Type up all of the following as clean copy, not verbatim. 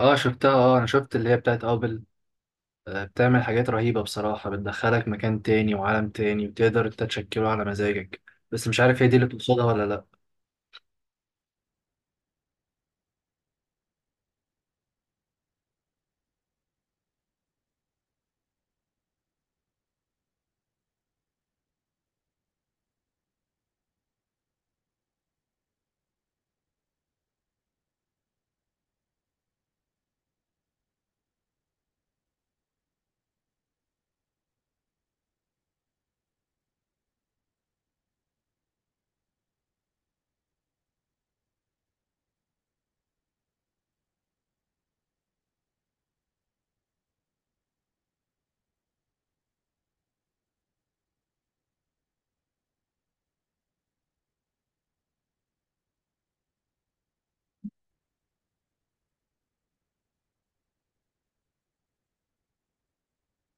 اه شفتها اه انا شفت اللي هي بتاعت ابل بتعمل حاجات رهيبة بصراحة، بتدخلك مكان تاني وعالم تاني وتقدر انت تشكله على مزاجك. بس مش عارف هي دي اللي تقصدها ولا لا.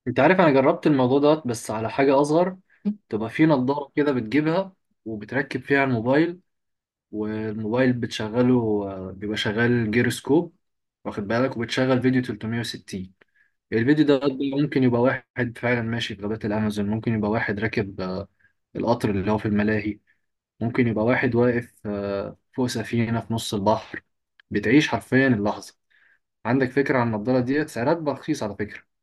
انت عارف انا جربت الموضوع دوت بس على حاجة اصغر. تبقى في نظارة كده بتجيبها وبتركب فيها الموبايل، والموبايل بتشغله، بيبقى شغال جيروسكوب، واخد بالك؟ وبتشغل فيديو 360. الفيديو ده ممكن يبقى واحد فعلا ماشي في غابات الأمازون، ممكن يبقى واحد راكب القطر اللي هو في الملاهي، ممكن يبقى واحد واقف فوق سفينة في نص البحر. بتعيش حرفيا اللحظة. عندك فكرة عن النضارة ديت؟ سعرها بقى رخيص على فكرة.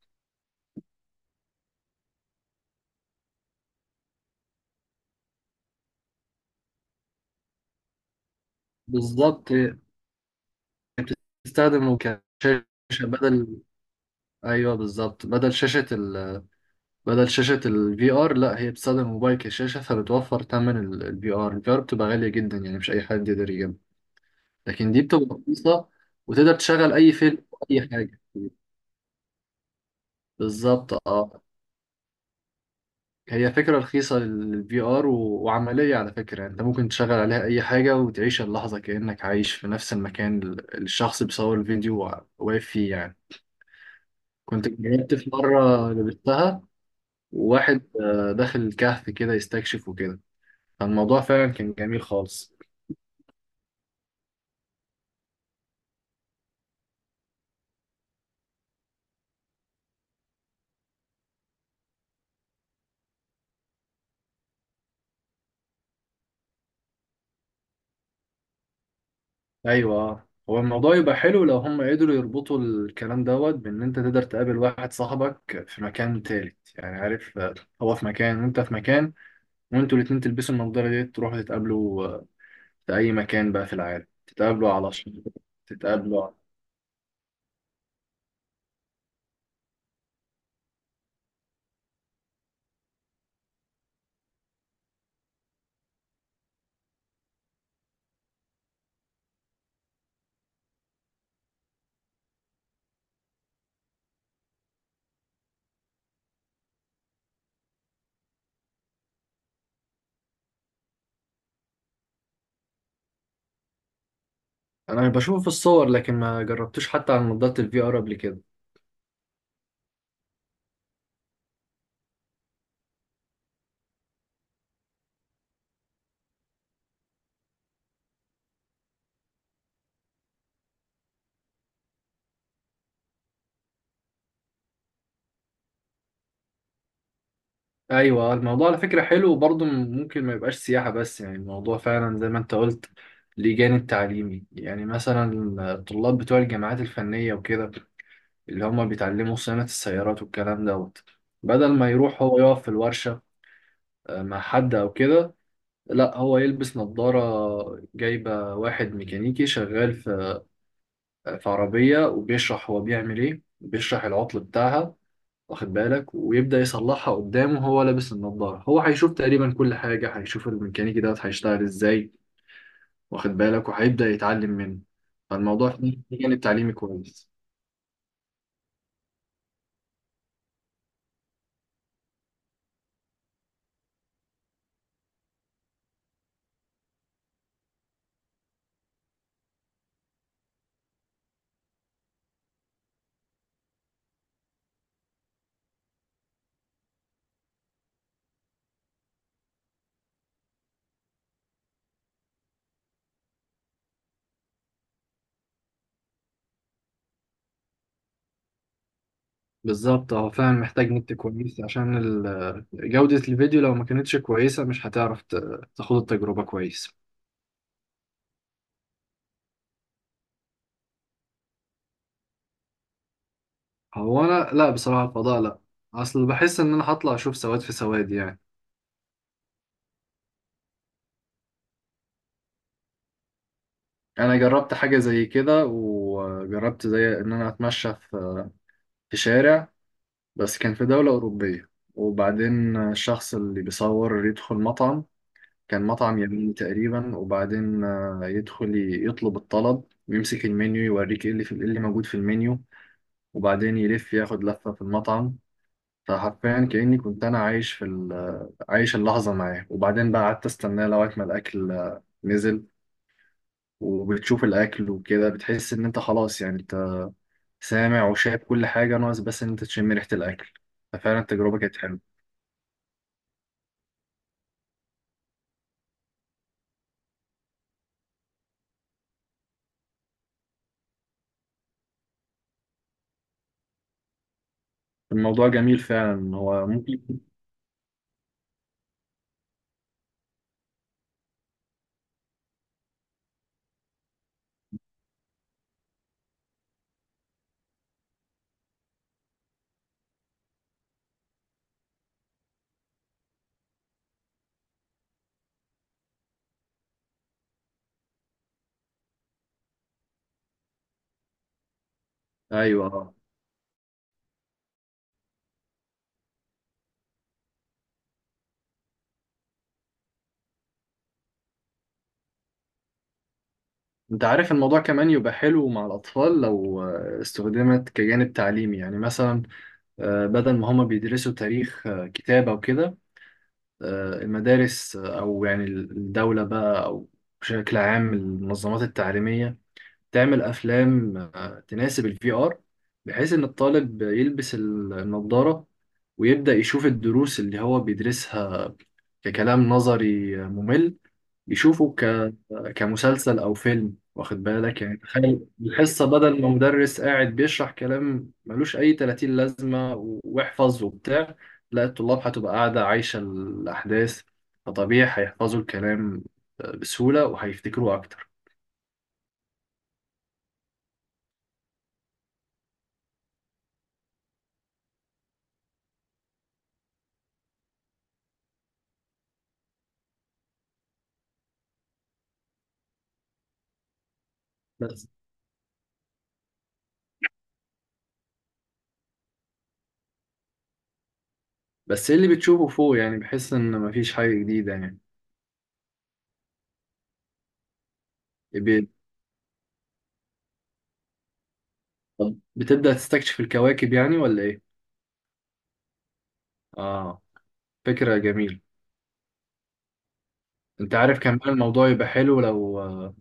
بالظبط آه، بتستخدم كشاشة بدل. أيوه بالظبط، بدل شاشة بدل شاشة الفي آر. لا، هي بتستخدم الموبايل كشاشة، فبتوفر تمن الفي آر. الفي آر بتبقى غالية جدا، يعني مش أي حد يقدر يجيبها، لكن دي بتبقى رخيصة وتقدر تشغل أي فيلم أو أي حاجة. بالظبط اه. هي فكرة رخيصة للفي ار وعملية على فكرة، يعني انت ممكن تشغل عليها اي حاجة وتعيش اللحظة كأنك عايش في نفس المكان اللي الشخص بيصور الفيديو واقف فيه يعني. كنت جربت في مرة لبستها، وواحد داخل الكهف كده يستكشف وكده، فالموضوع فعلا كان جميل خالص. ايوه آه. هو الموضوع يبقى حلو لو هم قدروا يربطوا الكلام دوت بان انت تقدر تقابل واحد صاحبك في مكان تالت، يعني عارف، هو في مكان وانت في مكان، وانتوا الاتنين تلبسوا النضارة دي تروحوا تتقابلوا، في أي مكان بقى في العالم. تتقابلوا على تتقابلوا على... أنا بشوفه في الصور لكن ما جربتوش حتى على نظارة الفي آر قبل كده. أيوة، الموضوع على فكرة حلو، وبرضه ممكن ما يبقاش سياحة بس، يعني الموضوع فعلا زي ما أنت قلت ليه جانب تعليمي. يعني مثلا الطلاب بتوع الجامعات الفنية وكده، اللي هما بيتعلموا صيانة السيارات والكلام دوت، بدل ما يروح هو يقف في الورشة مع حد أو كده، لا، هو يلبس نظارة جايبة واحد ميكانيكي شغال في عربية وبيشرح هو بيعمل إيه، بيشرح العطل بتاعها، واخد بالك؟ ويبدأ يصلحها قدامه وهو لابس النظارة. هو هيشوف تقريبا كل حاجة، هيشوف الميكانيكي دوت هيشتغل إزاي، واخد بالك؟ وهيبدأ يتعلم منه. فالموضوع فيه جانب تعليمي كويس. بالظبط، هو فعلا محتاج نت كويس، عشان جودة الفيديو لو ما كانتش كويسة مش هتعرف تاخد التجربة كويس. هو أنا لا بصراحة الفضاء لا، أصل بحس إن أنا هطلع أشوف سواد في سواد يعني. انا جربت حاجه زي كده، وجربت زي ان انا اتمشى في شارع، بس كان في دوله اوروبيه، وبعدين الشخص اللي بيصور يدخل مطعم. كان مطعم يمين تقريبا، وبعدين يدخل يطلب الطلب ويمسك المنيو، يوريك ايه اللي في، إيه اللي موجود في المنيو، وبعدين يلف ياخد لفه في المطعم. فحرفيا كأني كنت انا عايش في عايش اللحظه معاه، وبعدين بقى قعدت استناه لغايه ما الاكل، نزل. وبتشوف الاكل وكده، بتحس ان انت خلاص، يعني سامع وشايف كل حاجة، ناقص بس إن أنت تشم ريحة الأكل. ففعلا التجربة كانت حلوة. الموضوع جميل فعلا، هو ممكن. أيوه آه. أنت عارف الموضوع كمان يبقى حلو مع الأطفال لو استخدمت كجانب تعليمي. يعني مثلا، بدل ما هما بيدرسوا تاريخ، كتاب أو كده، المدارس، أو يعني الدولة بقى، أو بشكل عام المنظمات التعليمية، تعمل افلام تناسب الفي ار، بحيث ان الطالب يلبس النظارة ويبدأ يشوف الدروس اللي هو بيدرسها ككلام نظري ممل، يشوفه كمسلسل او فيلم، واخد بالك؟ يعني تخيل الحصة بدل ما مدرس قاعد بيشرح كلام ملوش اي 30 لازمة واحفظ وبتاع، لا، الطلاب هتبقى قاعدة عايشة الاحداث، فطبيعي هيحفظوا الكلام بسهولة، وهيفتكروه اكتر. بس ايه اللي بتشوفه فوق، يعني بحس ان مفيش حاجة جديدة يعني. ب- طب بتبدأ تستكشف الكواكب يعني ولا ايه؟ اه، فكرة جميلة. انت عارف كمان الموضوع يبقى حلو لو،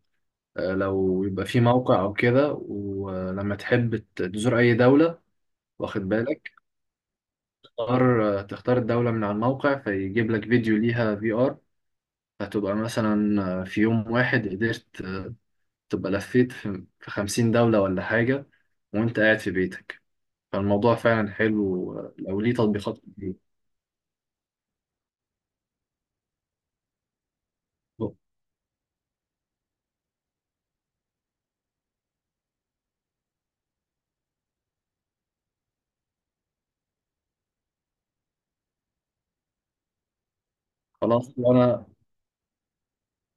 لو يبقى في موقع او كده، ولما تحب تزور اي دولة، واخد بالك؟ تختار، تختار الدولة من على الموقع فيجيب لك فيديو ليها في ار. هتبقى مثلا، في يوم واحد قدرت، تبقى لفيت في 50 دولة ولا حاجة، وانت قاعد في بيتك. فالموضوع فعلا حلو لو ليه تطبيقات كتير. خلاص. وانا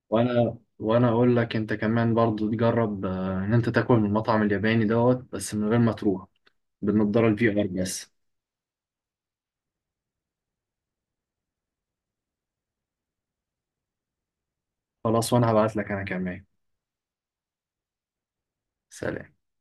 وانا وانا اقول لك انت كمان برضو تجرب، ان انت تاكل من المطعم الياباني دوت بس من غير ما تروح، بالنضاره الفي ار بس. خلاص، وانا هبعت لك انا كمان. سلام.